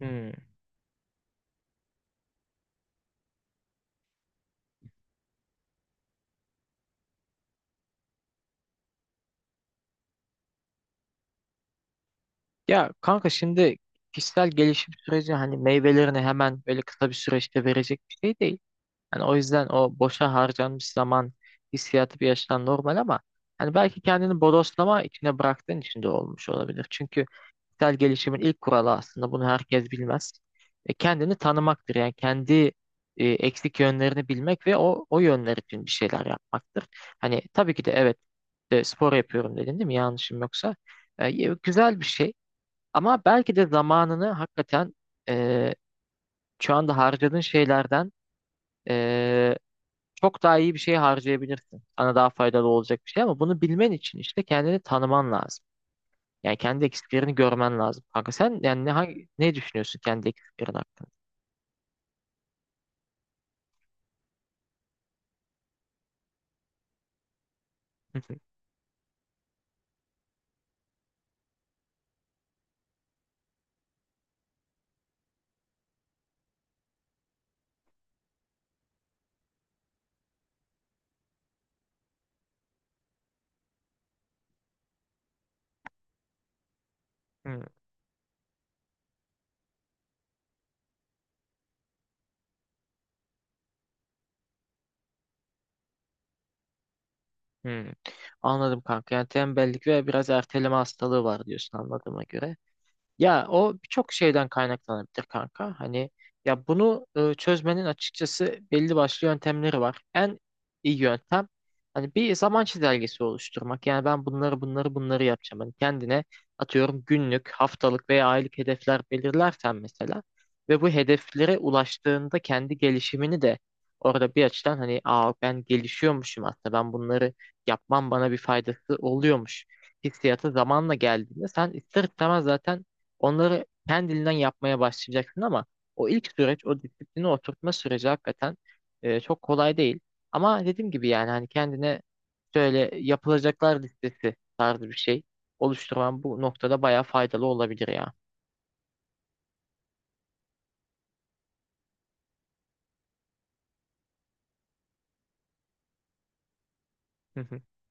Hmm. Ya kanka şimdi kişisel gelişim süreci hani meyvelerini hemen böyle kısa bir süreçte verecek bir şey değil. Hani o yüzden o boşa harcanmış zaman hissiyatı bir yaştan normal ama hani belki kendini bodoslama içine bıraktığın için de olmuş olabilir. Çünkü kişisel gelişimin ilk kuralı aslında bunu herkes bilmez. Kendini tanımaktır. Yani kendi eksik yönlerini bilmek ve o yönler için bir şeyler yapmaktır. Hani tabii ki de evet, spor yapıyorum dedin değil mi? Yanlışım yoksa. E, Güzel bir şey. Ama belki de zamanını hakikaten eee, şu anda harcadığın şeylerden eee, çok daha iyi bir şey harcayabilirsin. Sana daha faydalı olacak bir şey ama bunu bilmen için işte kendini tanıman lazım. Yani kendi eksiklerini görmen lazım. Kanka sen yani ne, ne düşünüyorsun kendi eksiklerin hakkında? Hmm, hmm. Anladım kanka. Yani tembellik ve biraz erteleme hastalığı var diyorsun anladığıma göre. Ya o birçok şeyden kaynaklanabilir kanka. Hani ya bunu çözmenin açıkçası belli başlı yöntemleri var. En iyi yöntem hani bir zaman çizelgesi oluşturmak. Yani ben bunları bunları yapacağım. Hani kendine atıyorum günlük, haftalık veya aylık hedefler belirlersen mesela ve bu hedeflere ulaştığında kendi gelişimini de orada bir açıdan hani aa ben gelişiyormuşum aslında ben bunları yapmam bana bir faydası oluyormuş hissiyatı zamanla geldiğinde sen ister istemez zaten onları kendiliğinden yapmaya başlayacaksın ama o ilk süreç, o disiplini oturtma süreci hakikaten çok kolay değil. Ama dediğim gibi yani hani kendine şöyle yapılacaklar listesi tarzı bir şey oluşturman bu noktada bayağı faydalı olabilir ya.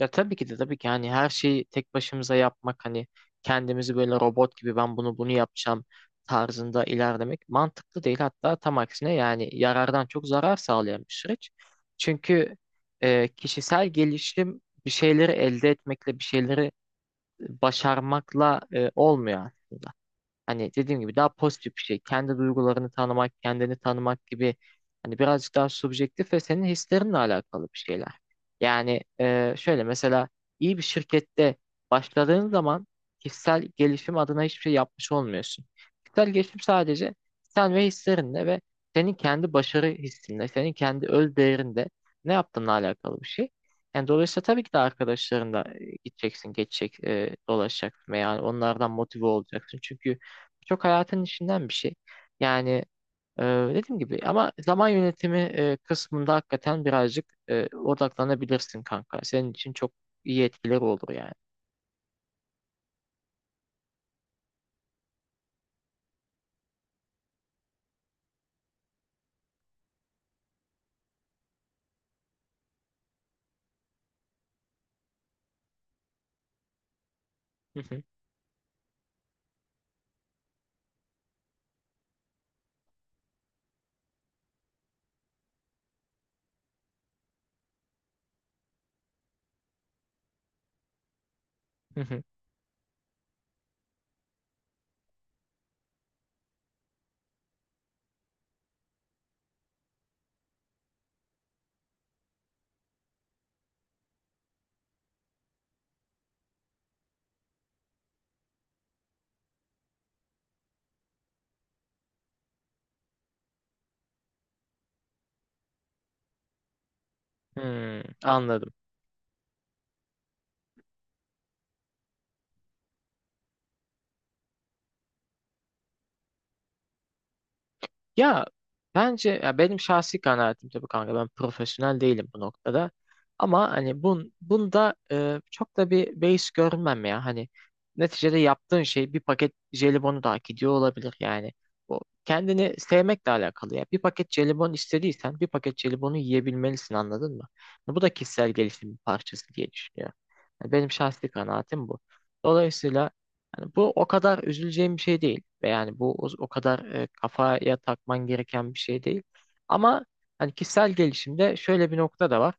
Ya tabii ki de tabii ki hani her şeyi tek başımıza yapmak hani kendimizi böyle robot gibi ben bunu yapacağım tarzında ilerlemek mantıklı değil. Hatta tam aksine yani yarardan çok zarar sağlayan bir süreç. Çünkü kişisel gelişim bir şeyleri elde etmekle bir şeyleri başarmakla olmuyor. Hani dediğim gibi daha pozitif bir şey. Kendi duygularını tanımak, kendini tanımak gibi hani birazcık daha subjektif ve senin hislerinle alakalı bir şeyler. Yani şöyle mesela iyi bir şirkette başladığın zaman kişisel gelişim adına hiçbir şey yapmış olmuyorsun. Kişisel gelişim sadece sen ve hislerinle ve senin kendi başarı hissinle, senin kendi öz değerinde ne yaptığınla alakalı bir şey. Yani dolayısıyla tabii ki de arkadaşlarınla gideceksin, geçecek, dolaşacaksın veya onlardan motive olacaksın. Çünkü çok hayatın içinden bir şey. Yani e, dediğim gibi ama zaman yönetimi kısmında hakikaten birazcık odaklanabilirsin kanka. Senin için çok iyi etkileri olur yani. Hı hı, hı hı. Hmm, anladım. Ya bence ya benim şahsi kanaatim tabii kanka ben profesyonel değilim bu noktada. Ama hani bunda çok da bir base görünmem ya. Hani neticede yaptığın şey bir paket jelibonu da hak ediyor olabilir yani. Bu kendini sevmekle alakalı ya. Bir paket jelibon istediysen bir paket jelibonu yiyebilmelisin, anladın mı? Hani bu da kişisel gelişimin parçası diye düşünüyorum. Yani benim şahsi kanaatim bu. Dolayısıyla yani bu o kadar üzüleceğim bir şey değil. Ve yani bu o kadar kafaya takman gereken bir şey değil. Ama hani kişisel gelişimde şöyle bir nokta da var.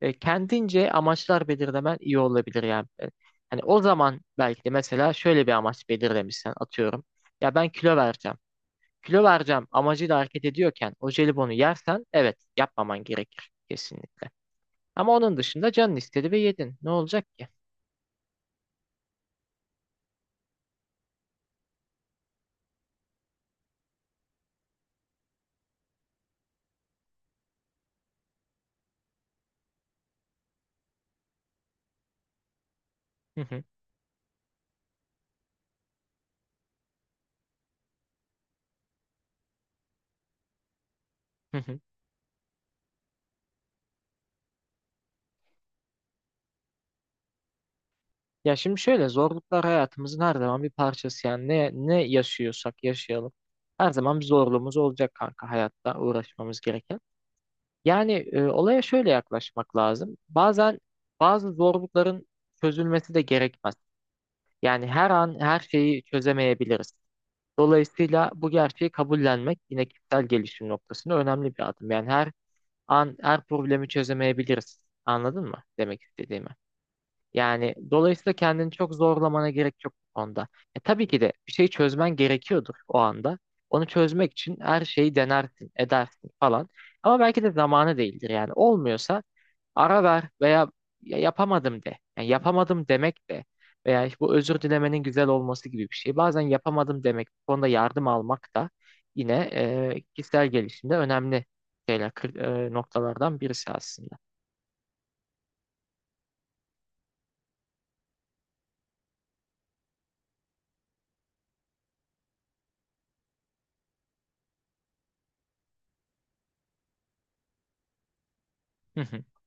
Kendince amaçlar belirlemen iyi olabilir yani. Hani o zaman belki de mesela şöyle bir amaç belirlemişsen atıyorum. Ya ben kilo vereceğim. Kilo vereceğim amacıyla hareket ediyorken o jelibonu yersen evet, yapmaman gerekir kesinlikle. Ama onun dışında canın istedi ve yedin. Ne olacak ki? Ya şimdi şöyle, zorluklar hayatımızın her zaman bir parçası yani ne yaşıyorsak yaşayalım. Her zaman bir zorluğumuz olacak kanka hayatta uğraşmamız gereken. Yani olaya şöyle yaklaşmak lazım. Bazen bazı zorlukların çözülmesi de gerekmez. Yani her an her şeyi çözemeyebiliriz. Dolayısıyla bu gerçeği kabullenmek yine kişisel gelişim noktasında önemli bir adım. Yani her an her problemi çözemeyebiliriz. Anladın mı demek istediğimi? Yani dolayısıyla kendini çok zorlamana gerek yok bu konuda. Tabii ki de bir şey çözmen gerekiyordur o anda. Onu çözmek için her şeyi denersin, edersin falan. Ama belki de zamanı değildir yani. Olmuyorsa ara ver veya ya yapamadım de. Yani yapamadım demek de veya işte bu özür dilemenin güzel olması gibi bir şey. Bazen yapamadım demek, bu konuda yardım almak da yine kişisel gelişimde önemli şeyler, noktalardan birisi aslında.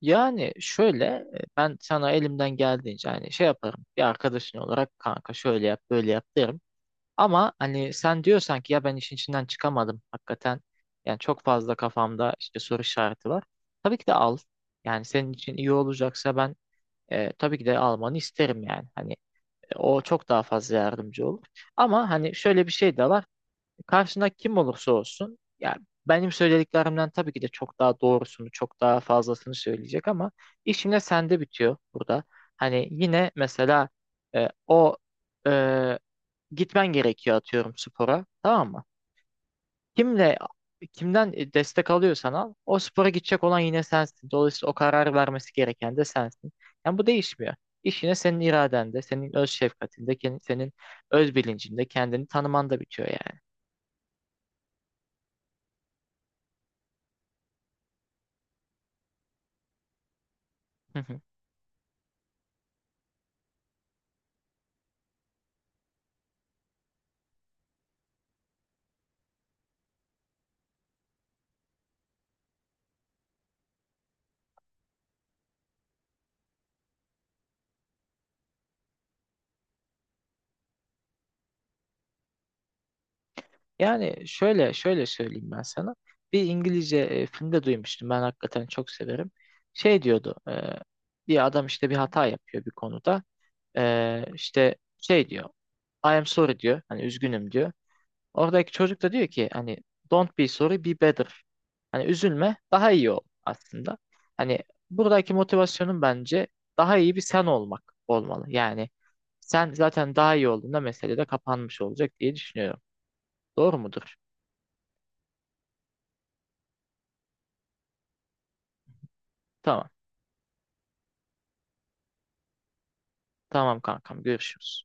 Yani ben sana elimden geldiğince hani şey yaparım bir arkadaşın olarak kanka şöyle yap böyle yap derim. Ama hani sen diyorsan ki ya ben işin içinden çıkamadım hakikaten yani çok fazla kafamda işte soru işareti var. Tabii ki de al, yani senin için iyi olacaksa ben tabii ki de almanı isterim yani hani o çok daha fazla yardımcı olur. Ama hani şöyle bir şey de var. Karşında kim olursa olsun ya benim söylediklerimden tabii ki de çok daha doğrusunu, çok daha fazlasını söyleyecek ama iş yine sende bitiyor burada. Hani yine mesela e, o e, gitmen gerekiyor atıyorum spora, tamam mı? Kimle kimden destek alıyorsan al o spora gidecek olan yine sensin. Dolayısıyla o kararı vermesi gereken de sensin. Yani bu değişmiyor. İş yine senin iradende, senin öz şefkatinde, senin öz bilincinde kendini tanımanda bitiyor yani. Yani şöyle söyleyeyim ben sana. Bir İngilizce filmde duymuştum. Ben hakikaten çok severim. Şey diyordu. Bir adam işte bir hata yapıyor bir konuda. İşte şey diyor. "I am sorry" diyor. Hani "üzgünüm" diyor. Oradaki çocuk da diyor ki hani "don't be sorry, be better." Hani üzülme daha iyi ol aslında. Hani buradaki motivasyonun bence daha iyi bir sen olmak olmalı. Yani sen zaten daha iyi olduğunda mesele de kapanmış olacak diye düşünüyorum. Doğru mudur? Tamam. Tamam kankam, görüşürüz.